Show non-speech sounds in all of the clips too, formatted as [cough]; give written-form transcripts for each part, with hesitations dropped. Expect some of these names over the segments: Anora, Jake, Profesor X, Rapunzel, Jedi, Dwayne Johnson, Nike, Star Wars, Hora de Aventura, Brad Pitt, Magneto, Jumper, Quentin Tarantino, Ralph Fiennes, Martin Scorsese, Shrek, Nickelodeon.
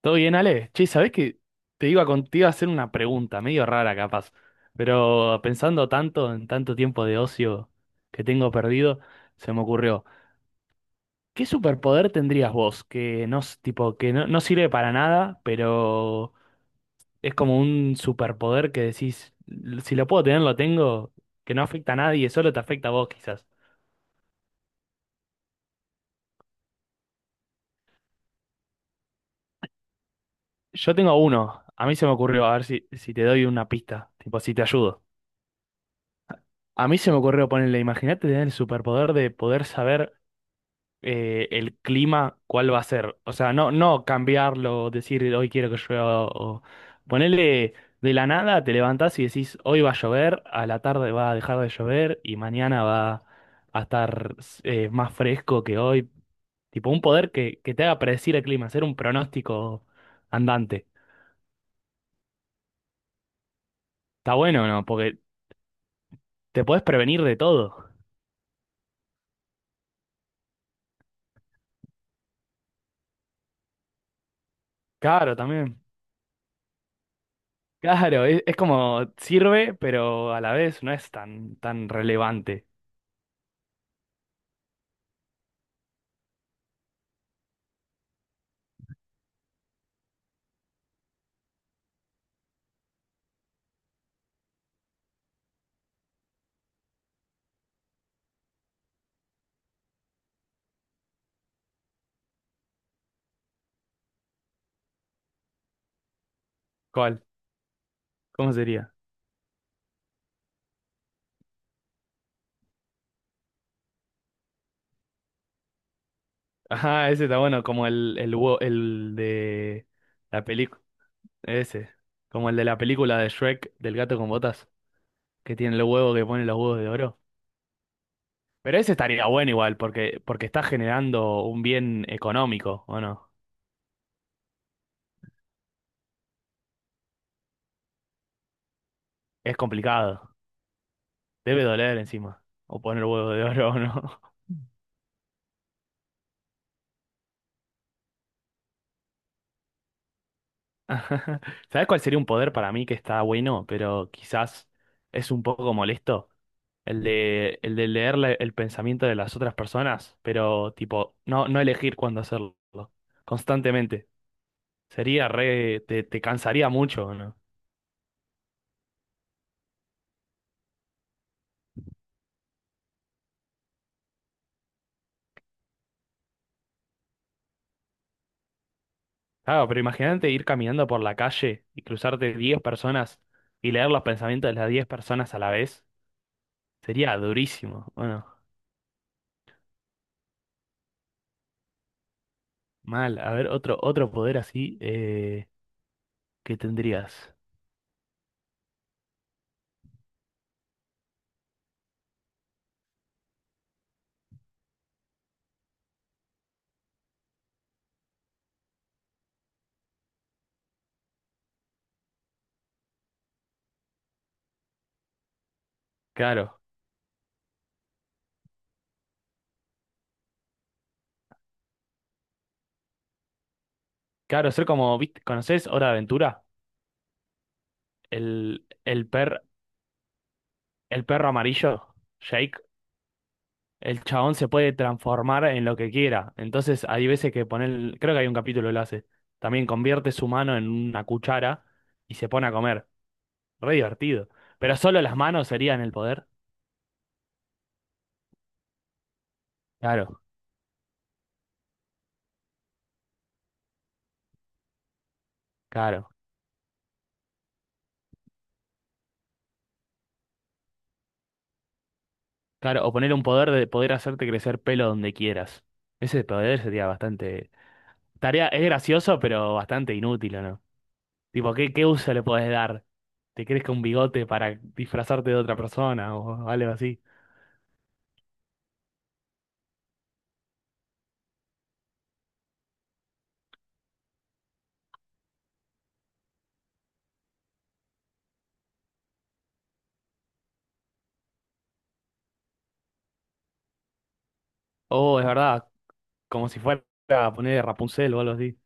¿Todo bien, Ale? Che, ¿sabés que te iba, te iba a hacer una pregunta, medio rara capaz, pero pensando tanto en tanto tiempo de ocio que tengo perdido, se me ocurrió, ¿qué superpoder tendrías vos? Que no, tipo, que no, no sirve para nada, pero es como un superpoder que decís, Si lo puedo tener, lo tengo, que no afecta a nadie, solo te afecta a vos quizás. Yo tengo uno, a mí se me ocurrió, a ver si te doy una pista, tipo, si te ayudo. A mí se me ocurrió ponerle, imagínate tener el superpoder de poder saber el clima, cuál va a ser. O sea, no cambiarlo, decir hoy quiero que llueva o ponerle de la nada, te levantás y decís hoy va a llover, a la tarde va a dejar de llover y mañana va a estar más fresco que hoy. Tipo un poder que te haga predecir el clima, hacer un pronóstico andante. Está bueno, ¿no? Porque te podés prevenir de todo. Claro, también. Claro, es como sirve, pero a la vez no es tan relevante. ¿Cuál? ¿Cómo sería? Ajá, ese está bueno, como huevo- el de la película, ese, como el de la película de Shrek del gato con botas, que tiene el huevo que pone los huevos de oro. Pero ese estaría bueno igual, porque está generando un bien económico, ¿o no? Es complicado, debe doler encima, o poner huevo de oro o no. [laughs] [laughs] Ajá. ¿Sabes cuál sería un poder para mí que está bueno, pero quizás es un poco molesto? El de leer el pensamiento de las otras personas, pero tipo, no elegir cuándo hacerlo, constantemente. Sería te cansaría mucho, ¿no? Claro, pero imagínate ir caminando por la calle y cruzarte 10 personas y leer los pensamientos de las 10 personas a la vez. Sería durísimo. Bueno, mal. A ver, otro poder así que tendrías. Claro. Claro, ser como, ¿viste? ¿Conocés Hora de Aventura? El, el, per, el perro amarillo, Jake, el chabón se puede transformar en lo que quiera. Entonces hay veces que poner, creo que hay un capítulo que lo hace. También convierte su mano en una cuchara y se pone a comer. Re divertido. Pero solo las manos serían el poder. Claro, claro, claro. O poner un poder de poder hacerte crecer pelo donde quieras. Ese poder sería bastante... Tarea, es gracioso, pero bastante inútil, ¿o no? Tipo, ¿qué uso le podés dar? Te crezca un bigote para disfrazarte de otra persona o algo así. Oh, es verdad, como si fuera a poner Rapunzel o algo así.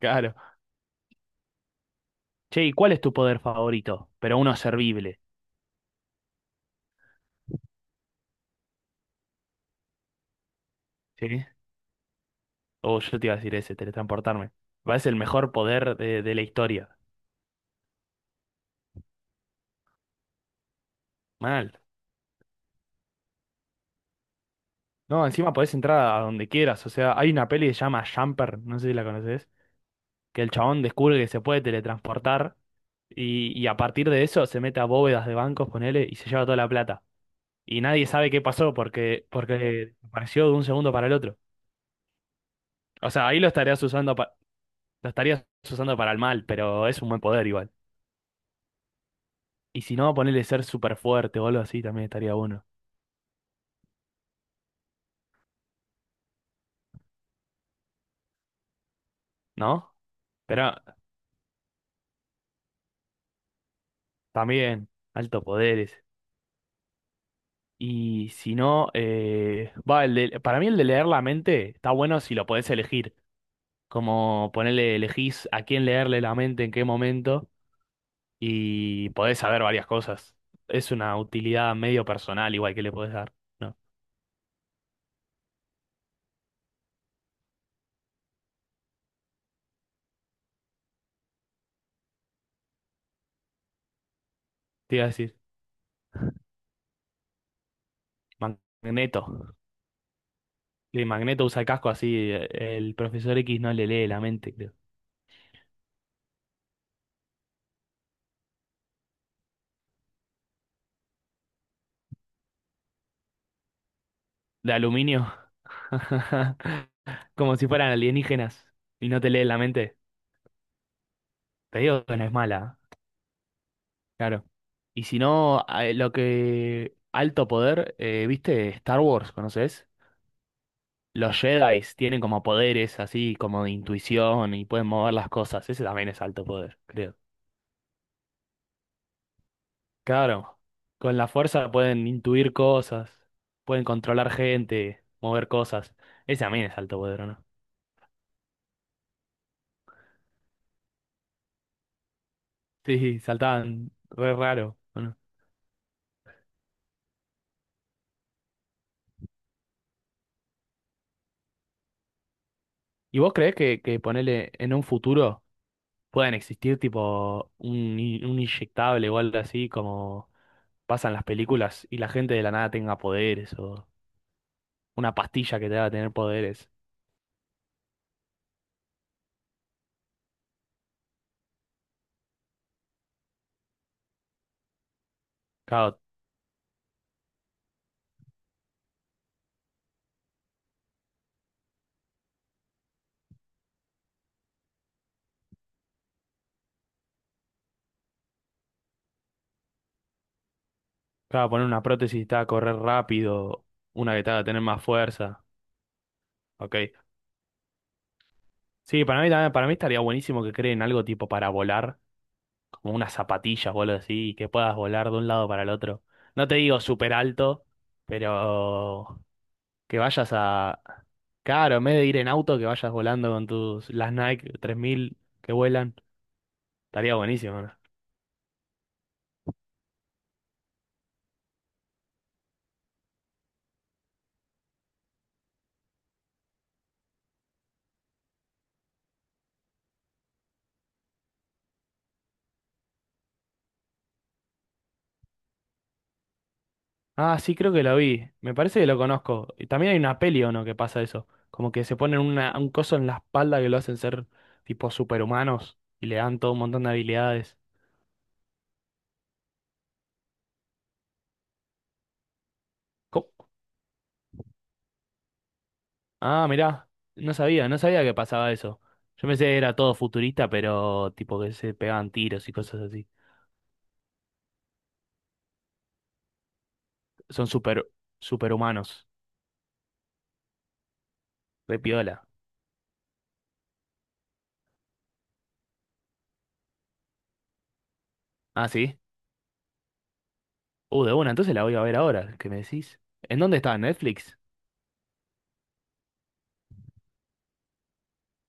Claro. Che, ¿y cuál es tu poder favorito? Pero uno servible, ¿sí? Oh, yo te iba a decir ese, teletransportarme. Me parece el mejor poder de la historia. Mal. No, encima podés entrar a donde quieras. O sea, hay una peli que se llama Jumper, no sé si la conoces, que el chabón descubre que se puede teletransportar y a partir de eso se mete a bóvedas de bancos, ponele, y se lleva toda la plata. Y nadie sabe qué pasó porque apareció de un segundo para el otro. O sea, ahí lo estarías usando, lo estarías usando para el mal, pero es un buen poder igual. Y si no, ponerle ser súper fuerte o algo así también estaría bueno, ¿no? Pero también, alto poderes. Y si no, el para mí el de leer la mente está bueno si lo podés elegir. Como ponerle, elegís a quién leerle la mente en qué momento y podés saber varias cosas. Es una utilidad medio personal igual que le podés dar. ¿No? Te iba a decir, Magneto. Y Magneto usa casco así, el profesor X no le lee la mente, creo. De aluminio. [laughs] Como si fueran alienígenas y no te leen la mente. Te digo que no es mala, ¿eh? Claro. Y si no, lo que... Alto poder, ¿viste? Star Wars, ¿conoces? Los Jedi tienen como poderes así, como de intuición y pueden mover las cosas. Ese también es alto poder, creo. Claro, con la fuerza pueden intuir cosas, pueden controlar gente, mover cosas. Ese también es alto poder, ¿o no? Sí, saltaban re raro, ¿o no? ¿Y vos creés que ponele en un futuro puedan existir tipo un, un inyectable o algo así como pasan las películas y la gente de la nada tenga poderes o una pastilla que te haga tener poderes? Claro, claro, poner una prótesis y te haga correr rápido, una que te haga tener más fuerza, ok. Sí, para mí también, para mí estaría buenísimo que creen algo tipo para volar, como unas zapatillas o algo así, y que puedas volar de un lado para el otro. No te digo súper alto, pero que vayas a... Claro, en vez de ir en auto, que vayas volando con tus las Nike 3000 que vuelan, estaría buenísimo, ¿no? Ah, sí, creo que lo vi. Me parece que lo conozco. Y también hay una peli o no que pasa eso, como que se ponen una, un coso en la espalda que lo hacen ser tipo superhumanos y le dan todo un montón de habilidades. Ah, mirá, no sabía que pasaba eso. Yo pensé que era todo futurista, pero tipo que se pegaban tiros y cosas así. Son superhumanos, re piola. Ah, sí. De una, entonces la voy a ver ahora, ¿qué me decís? ¿En dónde está? ¿En Netflix?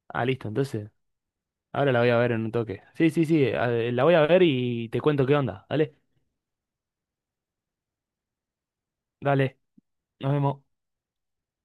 Ah, listo, entonces ahora la voy a ver en un toque. Sí, sí, sí, la voy a ver y te cuento qué onda. Dale, dale, nos vemos.